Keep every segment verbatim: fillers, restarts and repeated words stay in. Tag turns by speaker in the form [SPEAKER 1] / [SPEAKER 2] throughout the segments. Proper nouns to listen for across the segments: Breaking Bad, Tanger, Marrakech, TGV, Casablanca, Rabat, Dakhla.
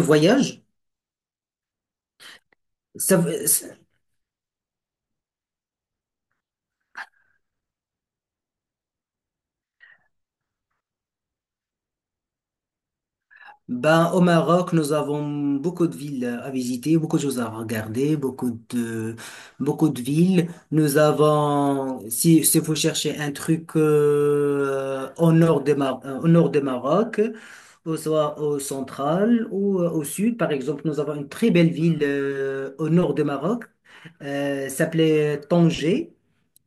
[SPEAKER 1] Voyage. ça, veut- c'est- ben, au Maroc, nous avons beaucoup de villes à visiter, beaucoup de choses à regarder, beaucoup de, beaucoup de villes. Nous avons, si, si vous cherchez un truc euh, au nord de Mar- euh, au nord de Maroc, ou soit au central ou euh, au sud, par exemple, nous avons une très belle ville euh, au nord de Maroc, euh, s'appelait Tanger.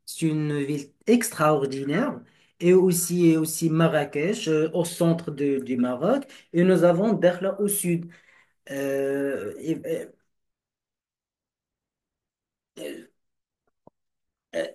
[SPEAKER 1] C'est une ville extraordinaire. Et aussi, et aussi Marrakech, euh, au centre de- du Maroc. Et nous avons Dakhla au sud. Euh, et- euh,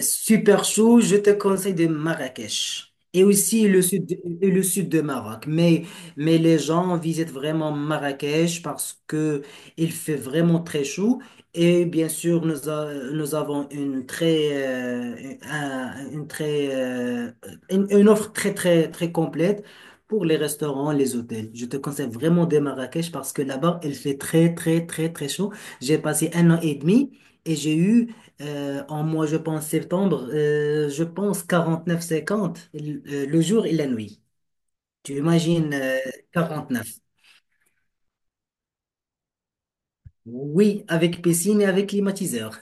[SPEAKER 1] Super chaud, je te conseille de Marrakech. Et aussi le sud, et le sud de Maroc. Mais, mais les gens visitent vraiment Marrakech parce que il fait vraiment très chaud. Et bien sûr, nous, a- nous avons une très, euh, un- une, très, euh, une, une offre très, très, très complète pour les restaurants, les hôtels. Je te conseille vraiment de Marrakech parce que là-bas, il fait très, très, très, très chaud. J'ai passé un an et demi. Et j'ai eu euh, en mois, je pense septembre, euh, je pense quarante-neuf à cinquante, le euh, le jour et la nuit. Tu imagines euh, neuf. Oui, avec piscine et avec climatiseur.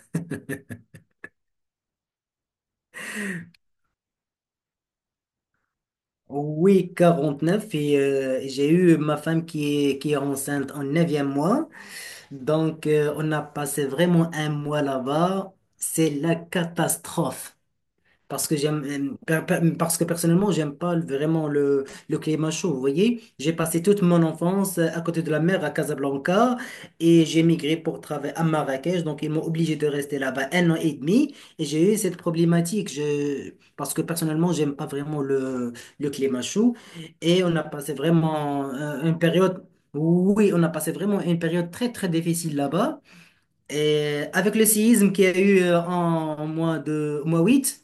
[SPEAKER 1] Oui, quarante-neuf. Et euh, j'ai eu ma femme qui est, qui est enceinte en neuvième mois. Donc, euh, on a passé vraiment un mois là-bas. C'est la catastrophe. Parce que j'aime, euh, per- per- parce que personnellement, j'aime pas vraiment le, le climat chaud. Vous voyez, j'ai passé toute mon enfance euh, à côté de la mer à Casablanca et j'ai migré pour travailler à Marrakech. Donc, ils m'ont obligé de rester là-bas un an et demi et j'ai eu cette problématique. Je, parce que personnellement, j'aime pas vraiment le, le climat chaud. Et on a passé vraiment euh, une période, oui, on a passé vraiment une période très, très difficile là-bas. Et avec le séisme qu'il y a eu euh, en, au mois de, au mois huit,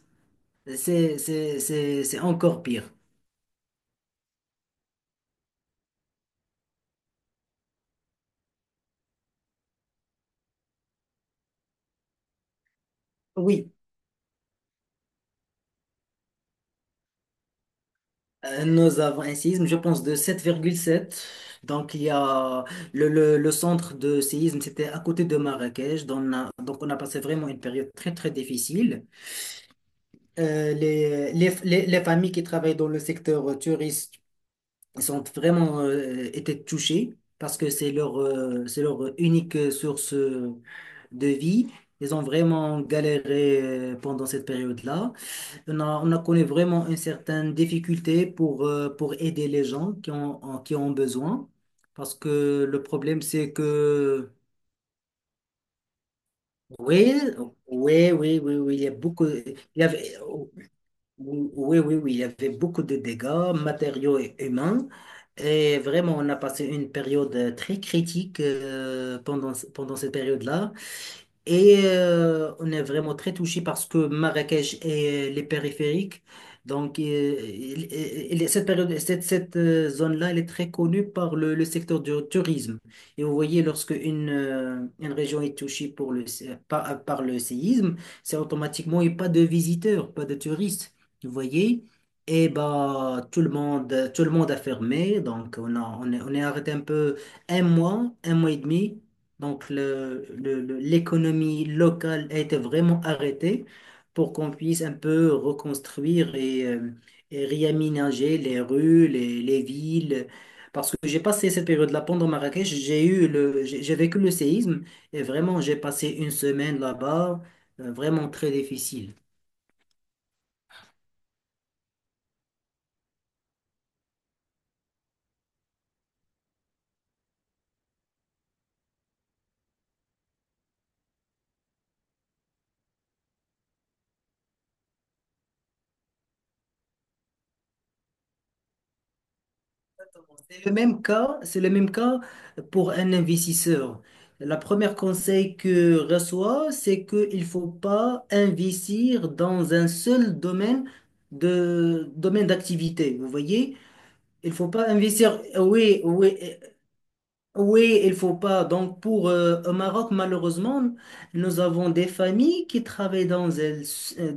[SPEAKER 1] c'est c'est- c'est- c'est encore pire. Oui. Euh, Nous avons un séisme, je pense, de sept virgule sept. Donc, il y a le, le, le centre de séisme, c'était à côté de Marrakech. Donc on a, donc, on a passé vraiment une période très, très difficile. Euh, les, les, les, les familles qui travaillent dans le secteur euh, touriste sont vraiment euh, été touchées parce que c'est leur, euh, c'est leur unique euh, source euh, de vie. Ils ont vraiment galéré euh, pendant cette période-là. On a, on a connu vraiment une certaine difficulté pour, euh, pour aider les gens qui ont, en- qui ont besoin. Parce que le problème, c'est que, oui, oui, oui, oui, oui, il y a beaucoup, il y avait, oui, oui, oui, il y avait beaucoup de dégâts matériaux et humains. Et vraiment, on a passé une période très critique, euh, pendant, pendant cette période-là. Et euh, on est vraiment très touché parce que Marrakech et les périphériques, donc euh, il- il- il- cette période, cette, cette euh, zone-là, elle est très connue par le, le secteur du tourisme. Et vous voyez, lorsque une, euh, une région est touchée pour le, sé- par, par le séisme, c'est automatiquement, il n'y a pas de visiteurs, pas de touristes. Vous voyez? Et bah, tout le monde, tout le monde a fermé, donc on a, on est, on est arrêté un peu un mois, un mois et demi. Donc, le- le- le- l'économie locale a été vraiment arrêtée pour qu'on puisse un peu reconstruire et, euh, et réaménager les rues, les, les villes. Parce que j'ai passé cette période-là pendant Marrakech, j'ai eu le, j'ai j'ai vécu le séisme et vraiment, j'ai passé une semaine là-bas, euh, vraiment très difficile. c'est Le même cas, c'est le même cas pour un investisseur. La première conseil que reçoit, c'est qu'il ne faut pas investir dans un seul domaine de domaine d'activité. Vous voyez, il faut pas investir. Oui, oui. Oui, il faut pas. Donc, pour euh, au Maroc, malheureusement, nous avons des familles qui travaillent dans un,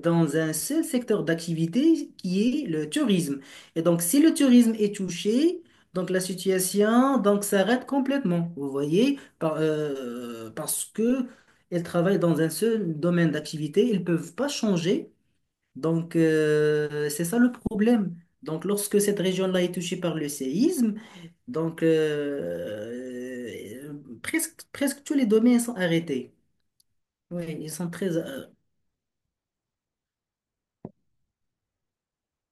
[SPEAKER 1] dans un seul secteur d'activité qui est le tourisme. Et donc, si le tourisme est touché, donc la situation donc s'arrête complètement. Vous voyez, par- euh, parce que elles travaillent dans un seul domaine d'activité, ils peuvent pas changer. Donc, euh, c'est ça le problème. Donc, lorsque cette région-là est touchée par le séisme, donc euh, euh, presque, presque tous les domaines sont arrêtés. Oui, ils sont très... euh,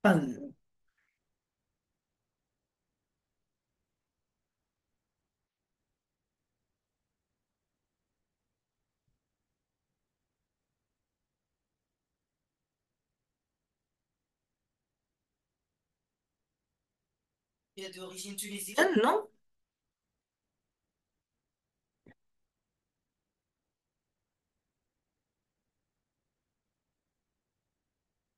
[SPEAKER 1] enfin, il est d'origine tunisienne, non?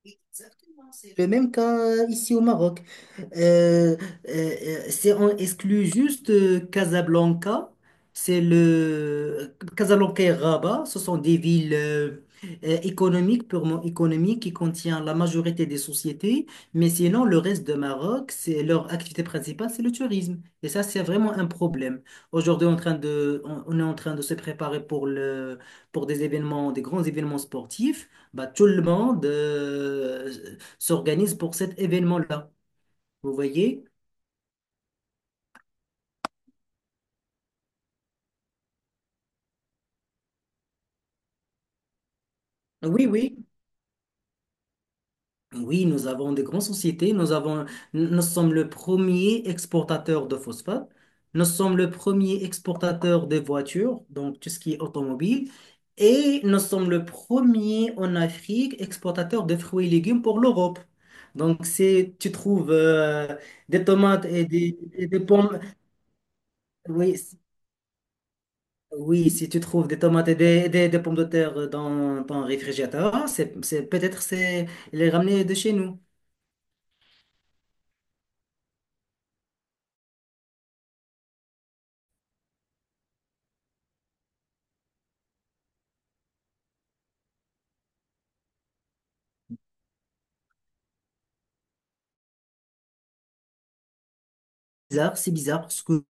[SPEAKER 1] Exactement, c'est Le même cas euh, ici au Maroc. Euh, euh, euh, c'est- on exclut juste euh, Casablanca. C'est le Casablanca et Rabat. Ce sont des villes euh, euh, économiques, purement économiques, qui contiennent la majorité des sociétés. Mais sinon, le reste de Maroc, c'est leur activité principale, c'est le tourisme. Et ça, c'est vraiment un problème. Aujourd'hui, on est en train de, on, on est en train de se préparer pour le, pour des événements, des grands événements sportifs. Bah, tout le monde euh, s'organise pour cet événement-là. Vous voyez? Oui, oui. Oui, nous avons des grandes sociétés. Nous avons, nous sommes le premier exportateur de phosphate. Nous sommes le premier exportateur de voitures, donc tout ce qui est automobile. Et nous sommes le premier en Afrique exportateur de fruits et légumes pour l'Europe. Donc, c'est, tu trouves euh, des tomates et des, et des pommes. Oui. Oui, si tu trouves des tomates et des, des, des pommes de terre dans ton réfrigérateur, c'est, c'est, peut-être c'est les ramener de chez nous. Bizarre, c'est bizarre parce que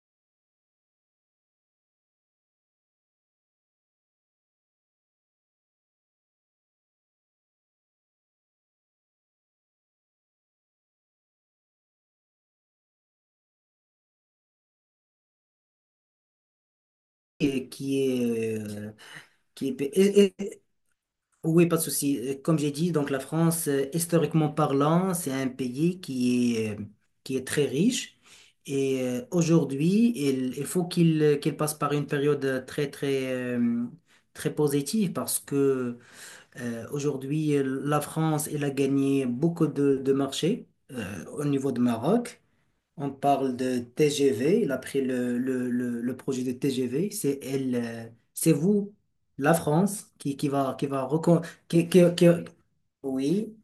[SPEAKER 1] et qui est euh, qui est et- et- oui, pas de souci. Euh, Comme j'ai dit, donc la France, euh, historiquement parlant, c'est un pays qui est euh, qui est très riche et euh, aujourd'hui, il, il faut qu'il euh, qu'il passe par une période très très euh, très positive parce que Euh, aujourd'hui, la France, elle a gagné beaucoup de, de marchés euh, au niveau de Maroc. On parle de T G V. Il a pris le, le- le- le projet de T G V. C'est elle, euh, c'est vous, la France, qui, qui va, qui va recon- qui- qui- qui- oui,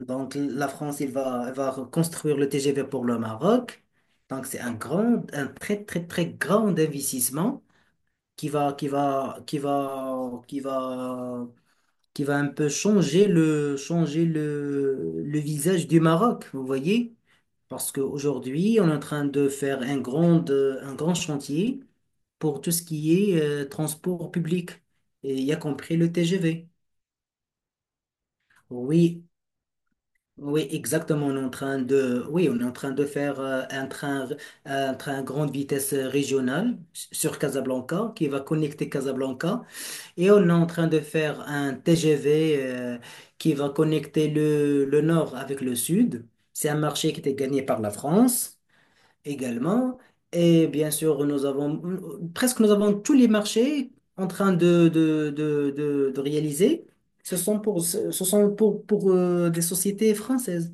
[SPEAKER 1] donc la France, il va, elle va reconstruire le T G V pour le Maroc. Donc c'est un grand, un très, très, très grand investissement qui va, qui va, qui va, qui va qui va un peu changer le, changer le, le visage du Maroc, vous voyez? Parce qu'aujourd'hui, on est en train de faire un grand, euh, un grand chantier pour tout ce qui est euh, transport public, et y a compris le T G V. Oui, oui, exactement. On est en train de, oui, on est en train de faire euh, un train, un train grande vitesse régionale sur Casablanca qui va connecter Casablanca. Et on est en train de faire un T G V euh, qui va connecter le, le nord avec le sud. C'est un marché qui était gagné par la France également. Et bien sûr, nous avons presque nous avons tous les marchés en train de, de, de, de, de réaliser. Ce sont pour, ce sont pour, pour euh, des sociétés françaises.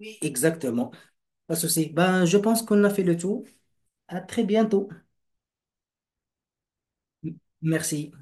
[SPEAKER 1] Exactement. Pas de souci. Ben, je pense qu'on a fait le tour. À très bientôt. Merci.